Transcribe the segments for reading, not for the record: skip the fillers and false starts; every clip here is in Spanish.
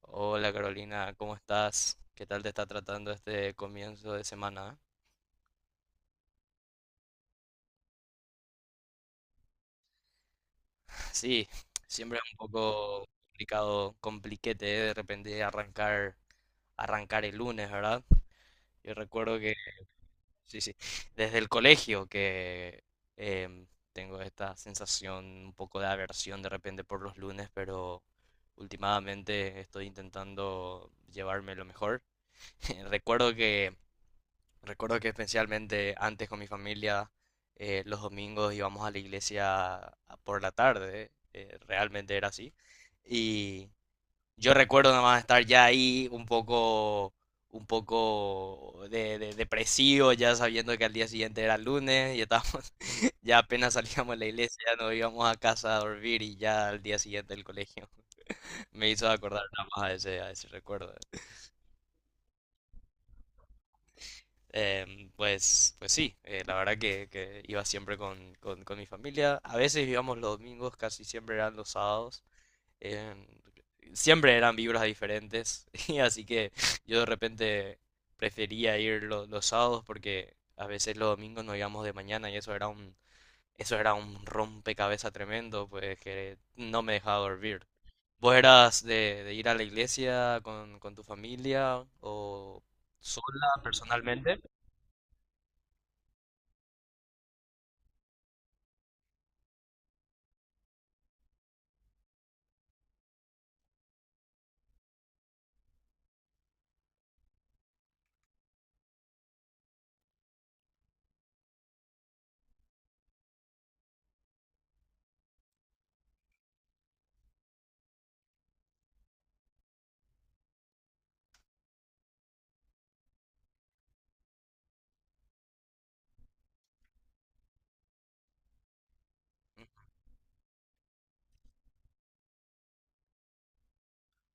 Hola Carolina, ¿cómo estás? ¿Qué tal te está tratando este comienzo de semana? Sí, siempre es un poco complicado, compliquete de repente arrancar, arrancar el lunes, ¿verdad? Yo recuerdo sí, sí, desde el colegio que em, tengo esta sensación, un poco de aversión de repente por los lunes, pero últimamente estoy intentando llevarme lo mejor. Recuerdo que Recuerdo que especialmente antes con mi familia, los domingos íbamos a la iglesia por la tarde, realmente era así. Y yo recuerdo nada más estar ya ahí un poco depresivo, ya sabiendo que al día siguiente era lunes y estábamos, ya apenas salíamos de la iglesia, nos íbamos a casa a dormir y ya al día siguiente del colegio. Me hizo acordar nada más a ese recuerdo. Pues, pues sí, la verdad que iba siempre con, con mi familia. A veces íbamos los domingos, casi siempre eran los sábados. em, Siempre eran vibras diferentes. Y así que yo de repente prefería ir los sábados porque a veces los domingos nos íbamos de mañana y eso era un rompecabezas tremendo, pues que no me dejaba dormir. ¿Vos eras de ir a la iglesia con tu familia o sola personalmente?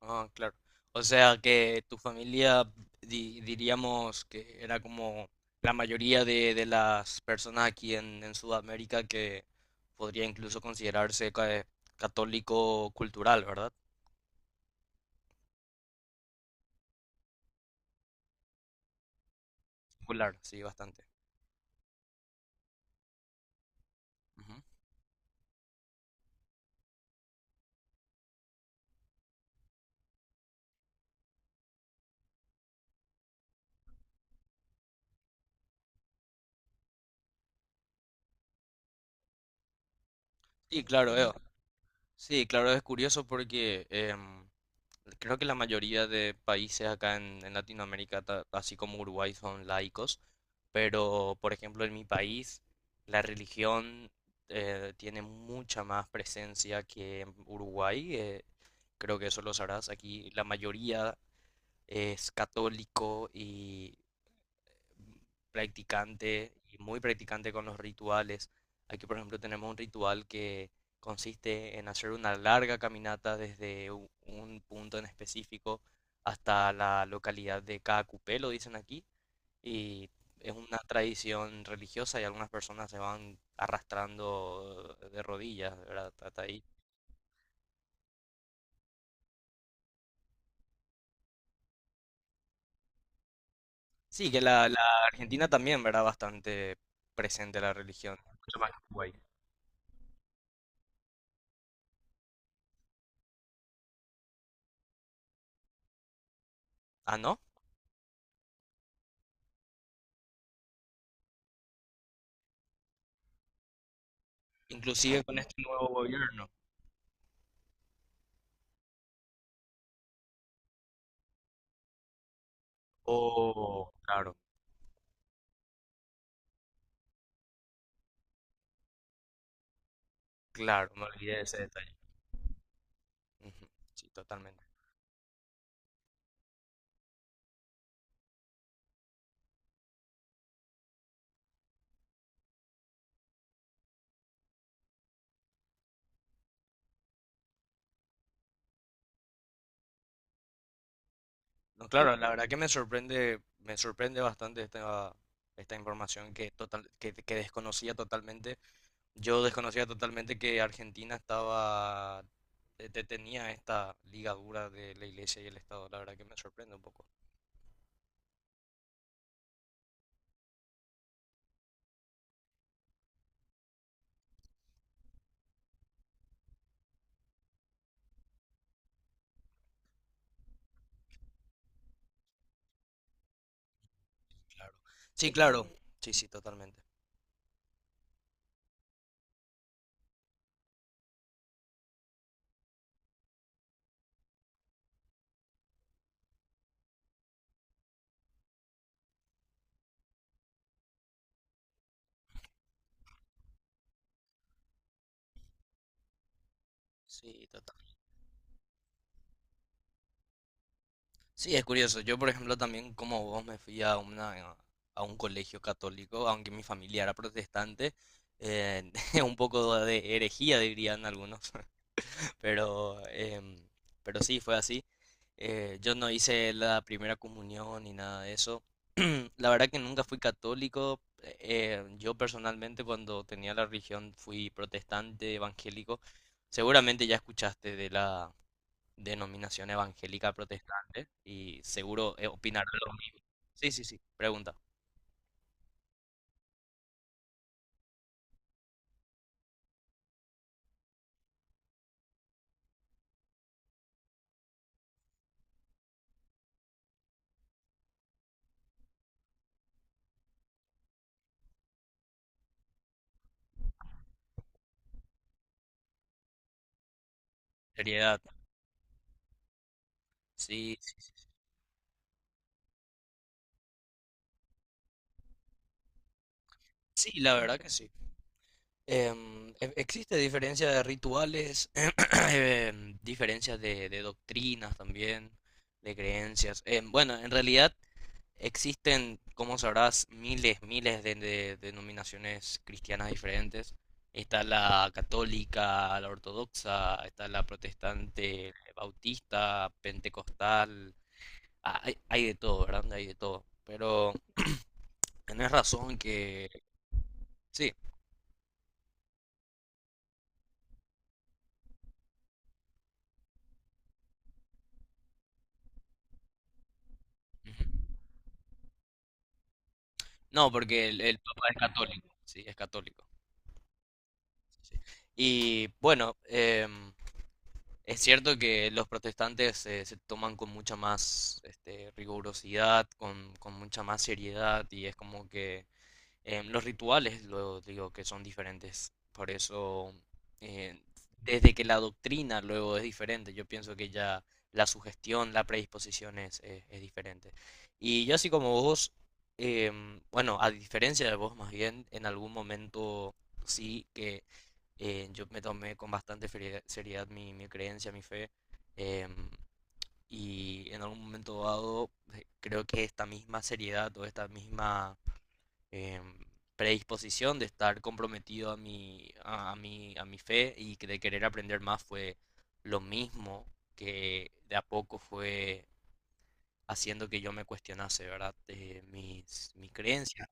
Ah, claro. O sea que tu familia, diríamos que era como la mayoría de las personas aquí en Sudamérica que podría incluso considerarse católico cultural, ¿verdad? Popular, sí, bastante. Ujú. Sí, claro, Eo. Sí, claro, es curioso porque creo que la mayoría de países acá en Latinoamérica, así como Uruguay, son laicos, pero por ejemplo en mi país la religión tiene mucha más presencia que en Uruguay. Creo que eso lo sabrás. Aquí la mayoría es católico y practicante y muy practicante con los rituales. Aquí, por ejemplo, tenemos un ritual que consiste en hacer una larga caminata desde un punto en específico hasta la localidad de Caacupé, lo dicen aquí, y es una tradición religiosa y algunas personas se van arrastrando de rodillas, ¿verdad? Hasta ahí. Sí, que la Argentina también, ¿verdad? Bastante presente la religión. Ah, ¿no? Inclusive con este nuevo gobierno. Oh, claro. Claro, me olvidé de ese detalle. Ujú, sí, totalmente. No, claro, la verdad que me sorprende bastante esta, esta información que, total, que desconocía totalmente. Yo desconocía totalmente que Argentina estaba, tenía esta ligadura de la iglesia y el Estado. La verdad que me sorprende un poco. Claro. Sí, claro. Sí, sí, totalmente. Sí, totalmente. Sí, es curioso. Yo, por ejemplo, también como vos me fui a una, a un colegio católico, aunque mi familia era protestante, eh, un poco de herejía dirían algunos, pero, pero sí, fue así. Yo no hice la primera comunión ni nada de eso. La verdad que nunca fui católico. Yo personalmente cuando tenía la religión fui protestante, evangélico. Seguramente ya escuchaste de la denominación evangélica protestante y seguro opinará lo mismo. Sí, sí, sí, pregunta. Seriedad. Sí, sí, sí, la verdad que sí. Existe diferencia de rituales, diferencias de doctrinas también, de creencias. Em, bueno, en realidad existen, como sabrás, miles, miles de denominaciones cristianas diferentes. Está la católica, la ortodoxa, está la protestante, bautista, pentecostal. Ah, hay de todo, ¿verdad? Hay de todo. Pero tenés razón que sí. No, porque el Papa es católico, sí, es católico. Sí. Sí. Y bueno, em, es cierto que los protestantes se toman con mucha más este, rigurosidad, con mucha más seriedad, y es como que los rituales, luego digo que son diferentes. Por eso, eh, desde que la doctrina luego es diferente, yo pienso que ya la sugestión, la predisposición es diferente. Y yo así como vos, em, bueno, a diferencia de vos más bien, en algún momento sí que yo me tomé con bastante seriedad mi, mi creencia, mi fe, em, y en algún momento dado creo que esta misma seriedad o esta misma em, predisposición de estar comprometido a mi fe y que de querer aprender más fue lo mismo que de a poco fue haciendo que yo me cuestionase, ¿verdad? Mis, mis creencias.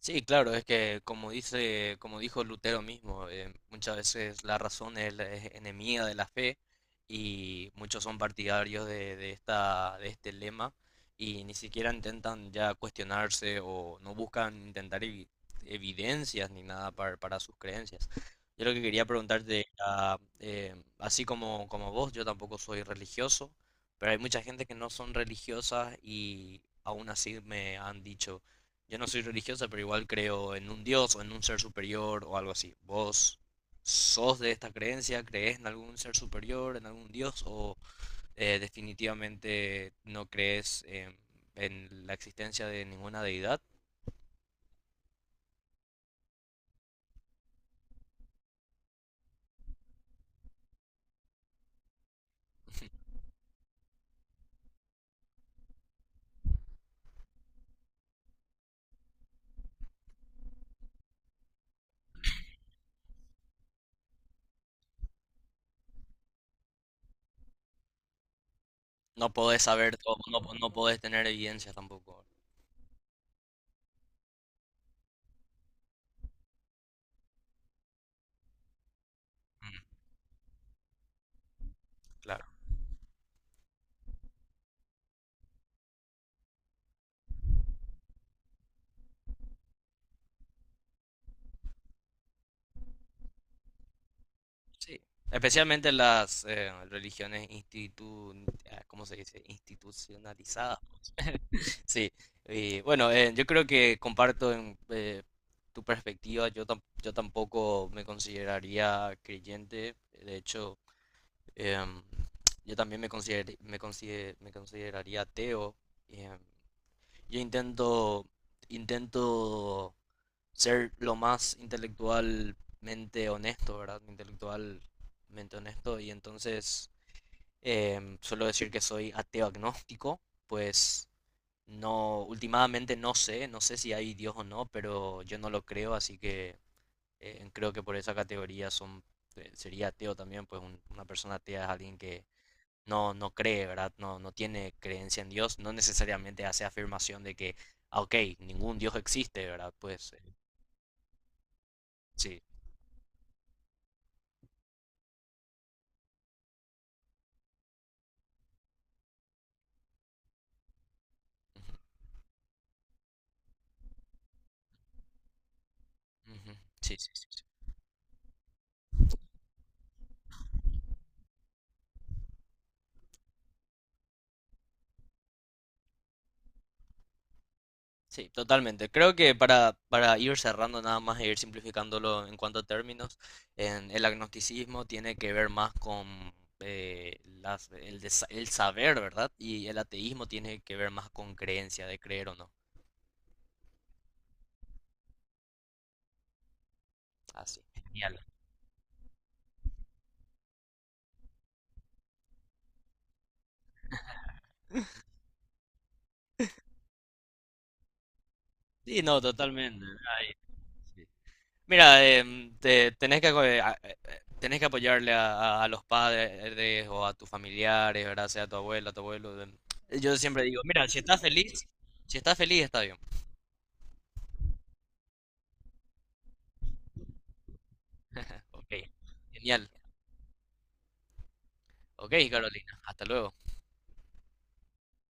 Sí, claro, es que como dice, como dijo Lutero mismo, muchas veces la razón es enemiga de la fe y muchos son partidarios de esta, de este lema y ni siquiera intentan ya cuestionarse o no buscan intentar evidencias ni nada para, para sus creencias. Yo lo que quería preguntarte, era, así como, como vos, yo tampoco soy religioso, pero hay mucha gente que no son religiosas y aún así me han dicho yo no soy religiosa, pero igual creo en un Dios o en un ser superior o algo así. ¿Vos sos de esta creencia? ¿Crees en algún ser superior, en algún Dios? ¿O definitivamente no crees en la existencia de ninguna deidad? No podés saber todo, no, no podés tener evidencia tampoco. Mm, claro, sí. Especialmente las religiones ah, ¿cómo se dice? Institucionalizadas. Sí, y bueno, yo creo que comparto en, tu perspectiva, yo, yo tampoco me consideraría creyente, de hecho, em, yo también me consideraría ateo. em, yo intento, intento ser lo más intelectualmente honesto, ¿verdad? Intelectualmente honesto, y entonces suelo decir que soy ateo agnóstico, pues no, últimamente no sé, no sé si hay Dios o no, pero yo no lo creo, así que creo que por esa categoría son, sería ateo también, pues una persona atea es alguien que no, no cree, ¿verdad? No, no tiene creencia en Dios, no necesariamente hace afirmación de que, ah, ok, ningún Dios existe, ¿verdad? Pues sí. Ujú, ujú, sí, sí, sí. Sí, totalmente. Creo que para ir cerrando nada más e ir simplificándolo en cuanto a términos, en el agnosticismo tiene que ver más con el saber, ¿verdad? Y el ateísmo tiene que ver más con creencia, de creer o no. Así. Genial. Sí, no, totalmente. Ay, sí. Mira, tenés que, tenés que apoyarle a, a los padres o a tus familiares, ¿verdad? Sea tu abuela, tu abuelo. Yo siempre digo, mira, si estás feliz, si estás feliz, está bien. Ok, genial. Ok, Carolina, hasta luego.